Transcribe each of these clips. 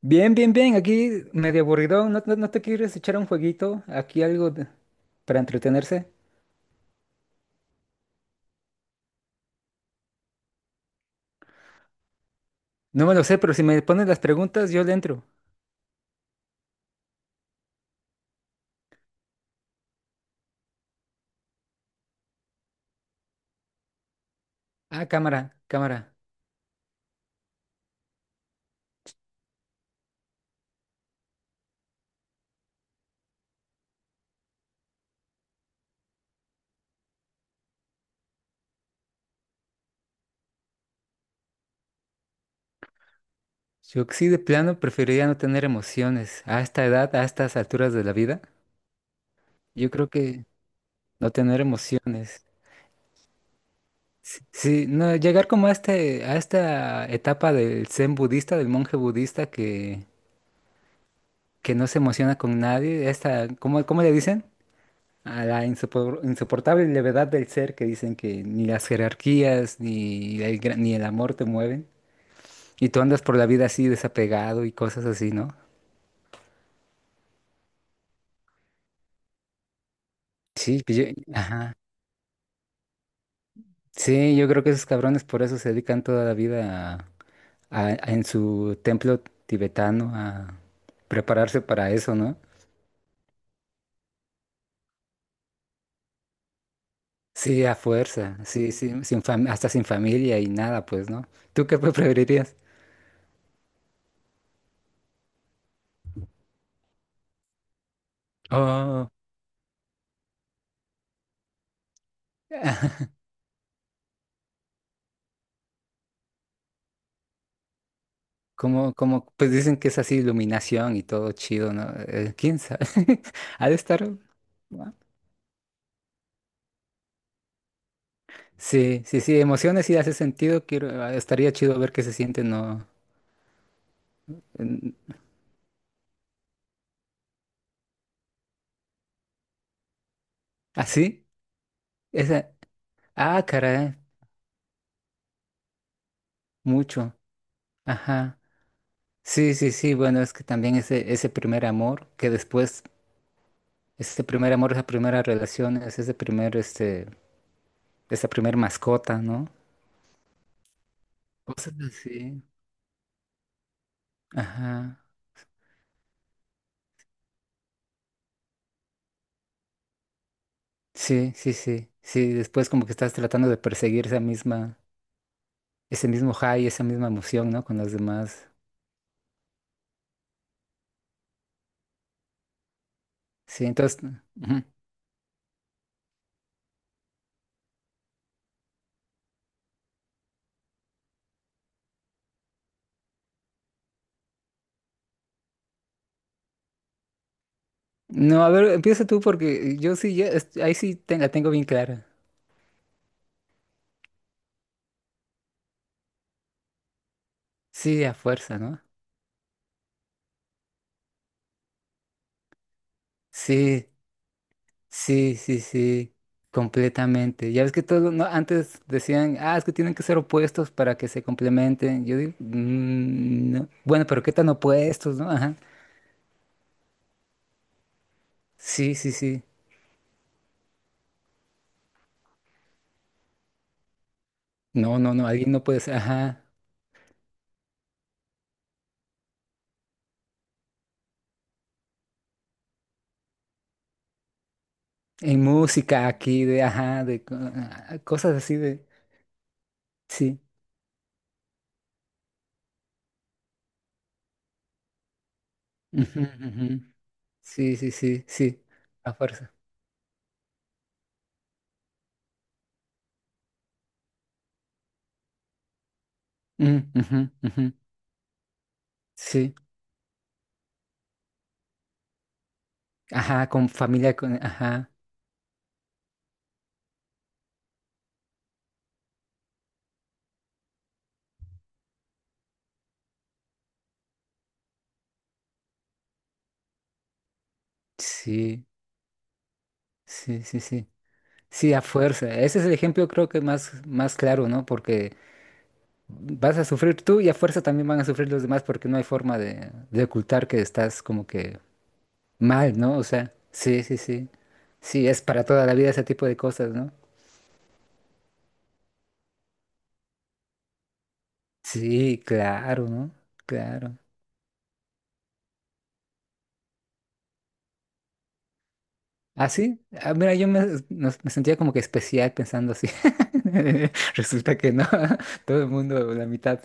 Bien, bien, bien. Aquí medio aburrido. ¿No, no, no te quieres echar un jueguito? Aquí para entretenerse. No me lo sé, pero si me pones las preguntas, yo le entro. Ah, cámara, cámara. Yo que sí de plano preferiría no tener emociones. A esta edad, a estas alturas de la vida, yo creo que no tener emociones. Sí, sí, no, llegar como a este, a esta etapa del zen budista, del monje budista que no se emociona con nadie. Esta, ¿cómo, cómo le dicen? A la insoportable levedad del ser que dicen que ni las jerarquías ni ni el amor te mueven. Y tú andas por la vida así desapegado y cosas así, ¿no? Sí, pues yo, ajá. Sí, yo creo que esos cabrones por eso se dedican toda la vida a en su templo tibetano a prepararse para eso, ¿no? Sí, a fuerza, sí, sí, sin fam- hasta sin familia y nada, pues, ¿no? ¿Tú qué preferirías? Oh. Como, como, pues dicen que es así iluminación y todo chido, ¿no? ¿Quién sabe? Ha de estar. ¿No? Sí, sí, sí, emociones sí hace sentido. Quiero, ah, estaría chido ver qué se siente, ¿no? En- ¿Así? Esa. Ah, caray, mucho. Ajá. Sí, sí, sí. Bueno, es que también ese primer amor, que después, ese primer amor, esa primera relación, es ese primer, este, esa primer mascota, ¿no? Cosas así. Ajá. Sí, sí, sí, sí, después como que estás tratando de perseguir esa misma, ese mismo high, esa misma emoción, ¿no? Con las demás. Sí, entonces, ujú. No, a ver, empieza tú porque yo sí, ya, ahí sí la tengo bien clara. Sí, a fuerza, ¿no? Sí, sí, sí, sí, completamente. Ya ves que todo, no, antes decían, ah, es que tienen que ser opuestos para que se complementen. Yo digo, "Mm, no". Bueno, pero ¿qué tan opuestos, no? Ajá. Sí, sí, sí. No, no, no, alguien no puede ser, ajá. En música aquí de, ajá, ah, cosas así de, sí. Ujú, ujú, sí, sí, sí, sí, a fuerza. Mm, ujú, ujú, sí, ajá, con familia, con, ajá, sí, sí, sí, sí. Sí, a fuerza. Ese es el ejemplo creo que más, más claro, ¿no? Porque vas a sufrir tú y a fuerza también van a sufrir los demás porque no hay forma de ocultar que estás como que mal, ¿no? O sea, sí, sí, sí. Sí, es para toda la vida ese tipo de cosas, ¿no? Sí, claro, ¿no? Claro. Ah, sí. Ah, mira, yo me, me sentía como que especial pensando así. Resulta que no. Todo el mundo,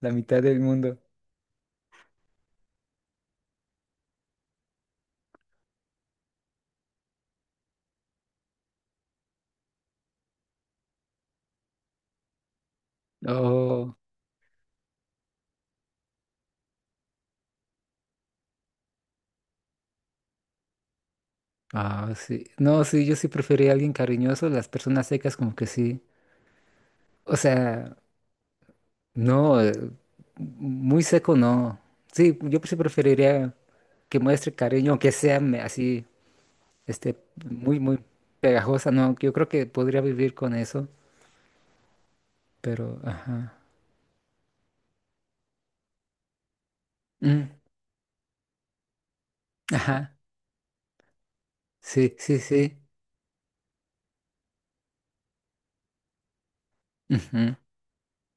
la mitad del mundo. Oh, ah, sí. No, sí, yo sí prefería a alguien cariñoso. Las personas secas como que sí. O sea, no, muy seco no. Sí, yo sí preferiría que muestre cariño, aunque sea así, este, muy, muy pegajosa. No, yo creo que podría vivir con eso. Pero, ajá. Mm, ajá. Sí, sí, sí. Ujú.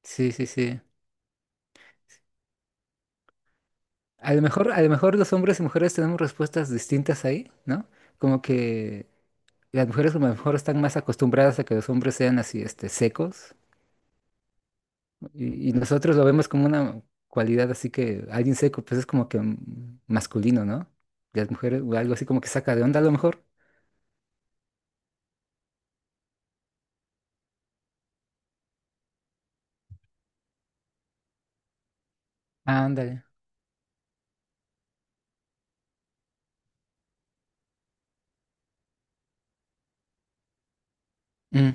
Sí, sí, sí. A lo mejor los hombres y mujeres tenemos respuestas distintas ahí, ¿no? Como que las mujeres como a lo mejor están más acostumbradas a que los hombres sean así, este, secos, y nosotros lo vemos como una cualidad así que alguien seco, pues es como que mm, masculino, ¿no? Y las mujeres, o algo así como que saca de onda a lo mejor. Ah, ándale. Mm,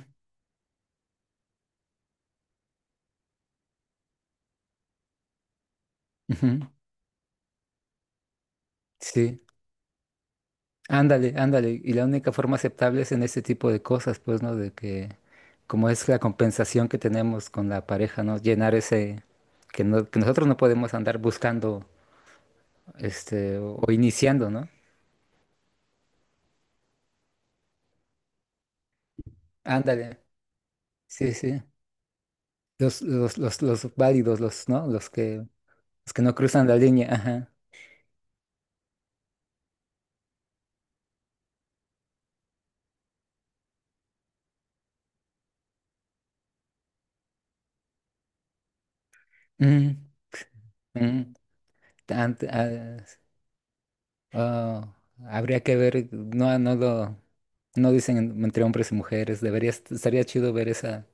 ujú. Sí, ándale, ándale. Y la única forma aceptable es en este tipo de cosas, pues, ¿no? De que, como es la compensación que tenemos con la pareja, ¿no? Llenar ese, que nosotros no podemos andar buscando, este, o iniciando, ¿no? Ándale, sí, sí. Los válidos, los, ¿no? Los que no cruzan la línea, ajá. Mm, mm. Tan- ah, oh, habría que ver, no, no lo, no dicen entre hombres y mujeres. Debería, estaría chido ver esa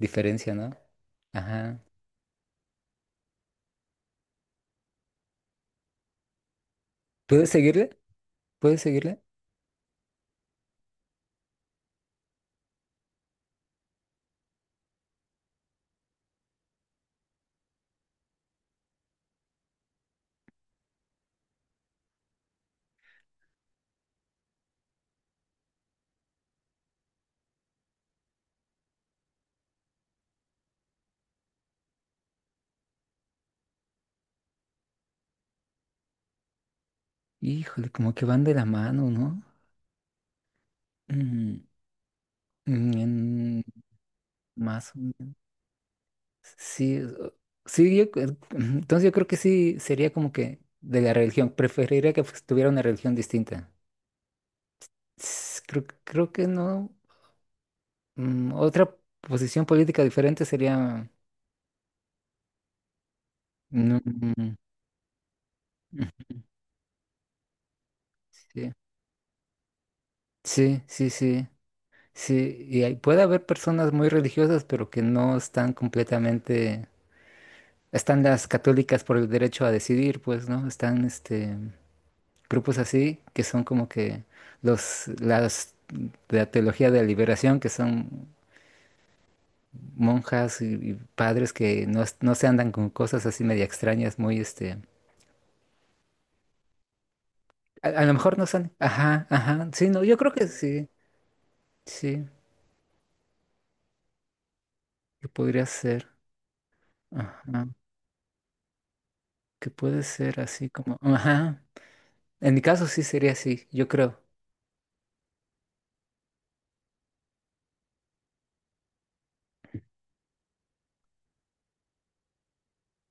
diferencia, ¿no? Ajá. ¿Puedes seguirle? ¿Puedes seguirle? Híjole, como que van de la mano, ¿no? Mm, mm, más o menos. Sí, sí, yo, ujú, entonces yo creo que sí sería como que de la religión. Preferiría que pues, tuviera una religión distinta. Creo, creo que no. Mm, otra posición política diferente sería… Mm, mm, sí, sí, sí, sí. Sí, y puede haber personas muy religiosas, pero que no están completamente, están las católicas por el derecho a decidir, pues, ¿no? Están este grupos así que son como que los las de la teología de la liberación, que son monjas y padres que no, no se andan con cosas así media extrañas, muy este, a lo mejor no son, ajá, ajá, sí, no, yo creo que sí, sí, que podría ser, ajá, que puede ser así como, ajá. En mi caso sí sería así, yo creo.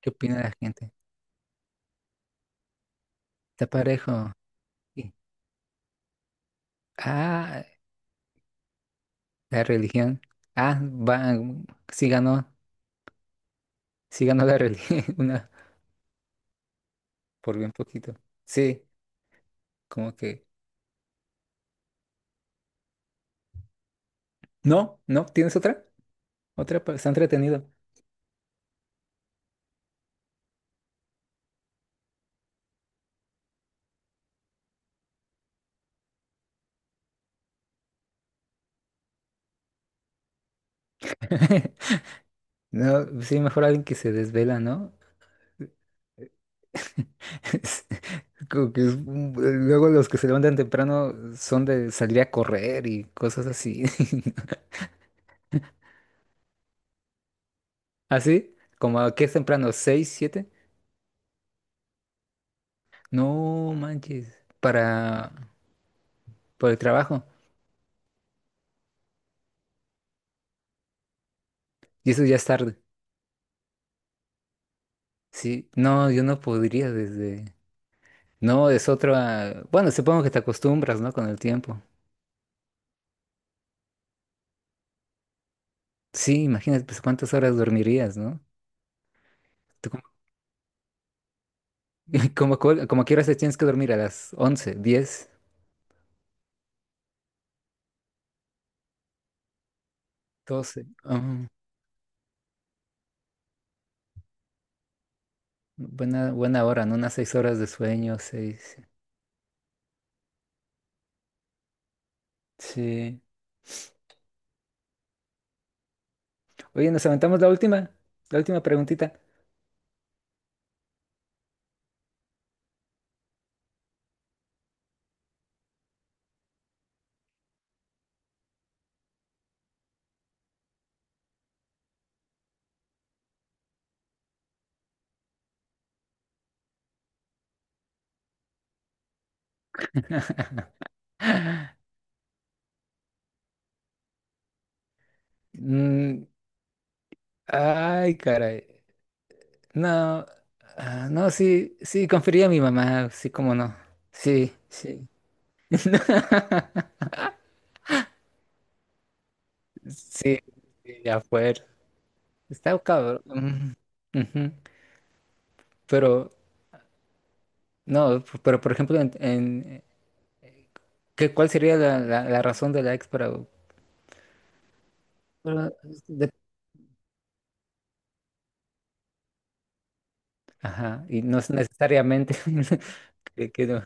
¿Qué opina la gente? Está parejo. Sí. Ah, la religión. Ah, va, mm, sí ganó, sí ganó la religión, una por bien poquito. Sí, como que… No, no, ¿tienes otra? Otra, está entretenido. No, sí, mejor alguien que se desvela, ¿no? Es como que luego los que se levantan temprano son de salir a correr y cosas así. ¿Así? Como que es temprano, ¿6, 7? No manches, para, para el trabajo. Y eso ya es tarde. Sí, no, yo no podría desde… No, es otra… Bueno, supongo que te acostumbras, ¿no? Con el tiempo. Sí, imagínate, pues cuántas horas dormirías, ¿no? Tú como, como, como quieras te tienes que dormir a las 11, 10, 12. Ah, buena, buena hora, ¿no? Unas 6 horas de sueño, 6. Sí. Oye, nos aventamos la última preguntita. Mm, ay, caray. No, ah, no, sí, sí, confería a mi mamá, sí, cómo no. Sí, sí. Sí, sí, ya fue. Está cabrón. Ujú, ujú. Pero, no, pero por ejemplo, ¿qué, cuál sería la, la, la razón de la ex para… para- de- Ajá, y no es necesariamente que no.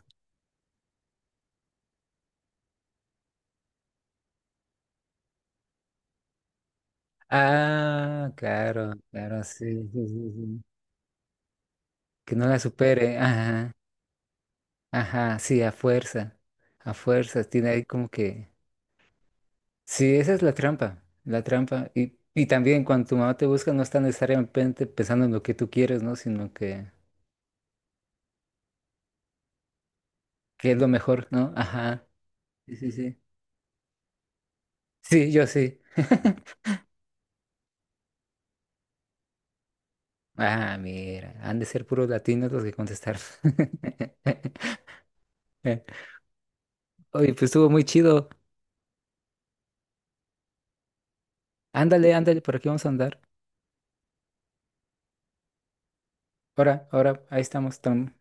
Ah, claro, claro, sí, sí, sí, sí. Que no la supere, ajá. Ajá, sí, a fuerza, a fuerzas tiene ahí como que… Sí, esa es la trampa, la trampa. Y también cuando tu mamá te busca no está necesariamente pensando en lo que tú quieres, ¿no? Sino que es lo mejor, ¿no? Ajá, sí, sí, sí. Sí, yo sí. Ah, mira, han de ser puros latinos los que contestaron. Oye, pues estuvo muy chido. Ándale, ándale, por aquí vamos a andar. Ahora, ahora, ahí estamos, Tom.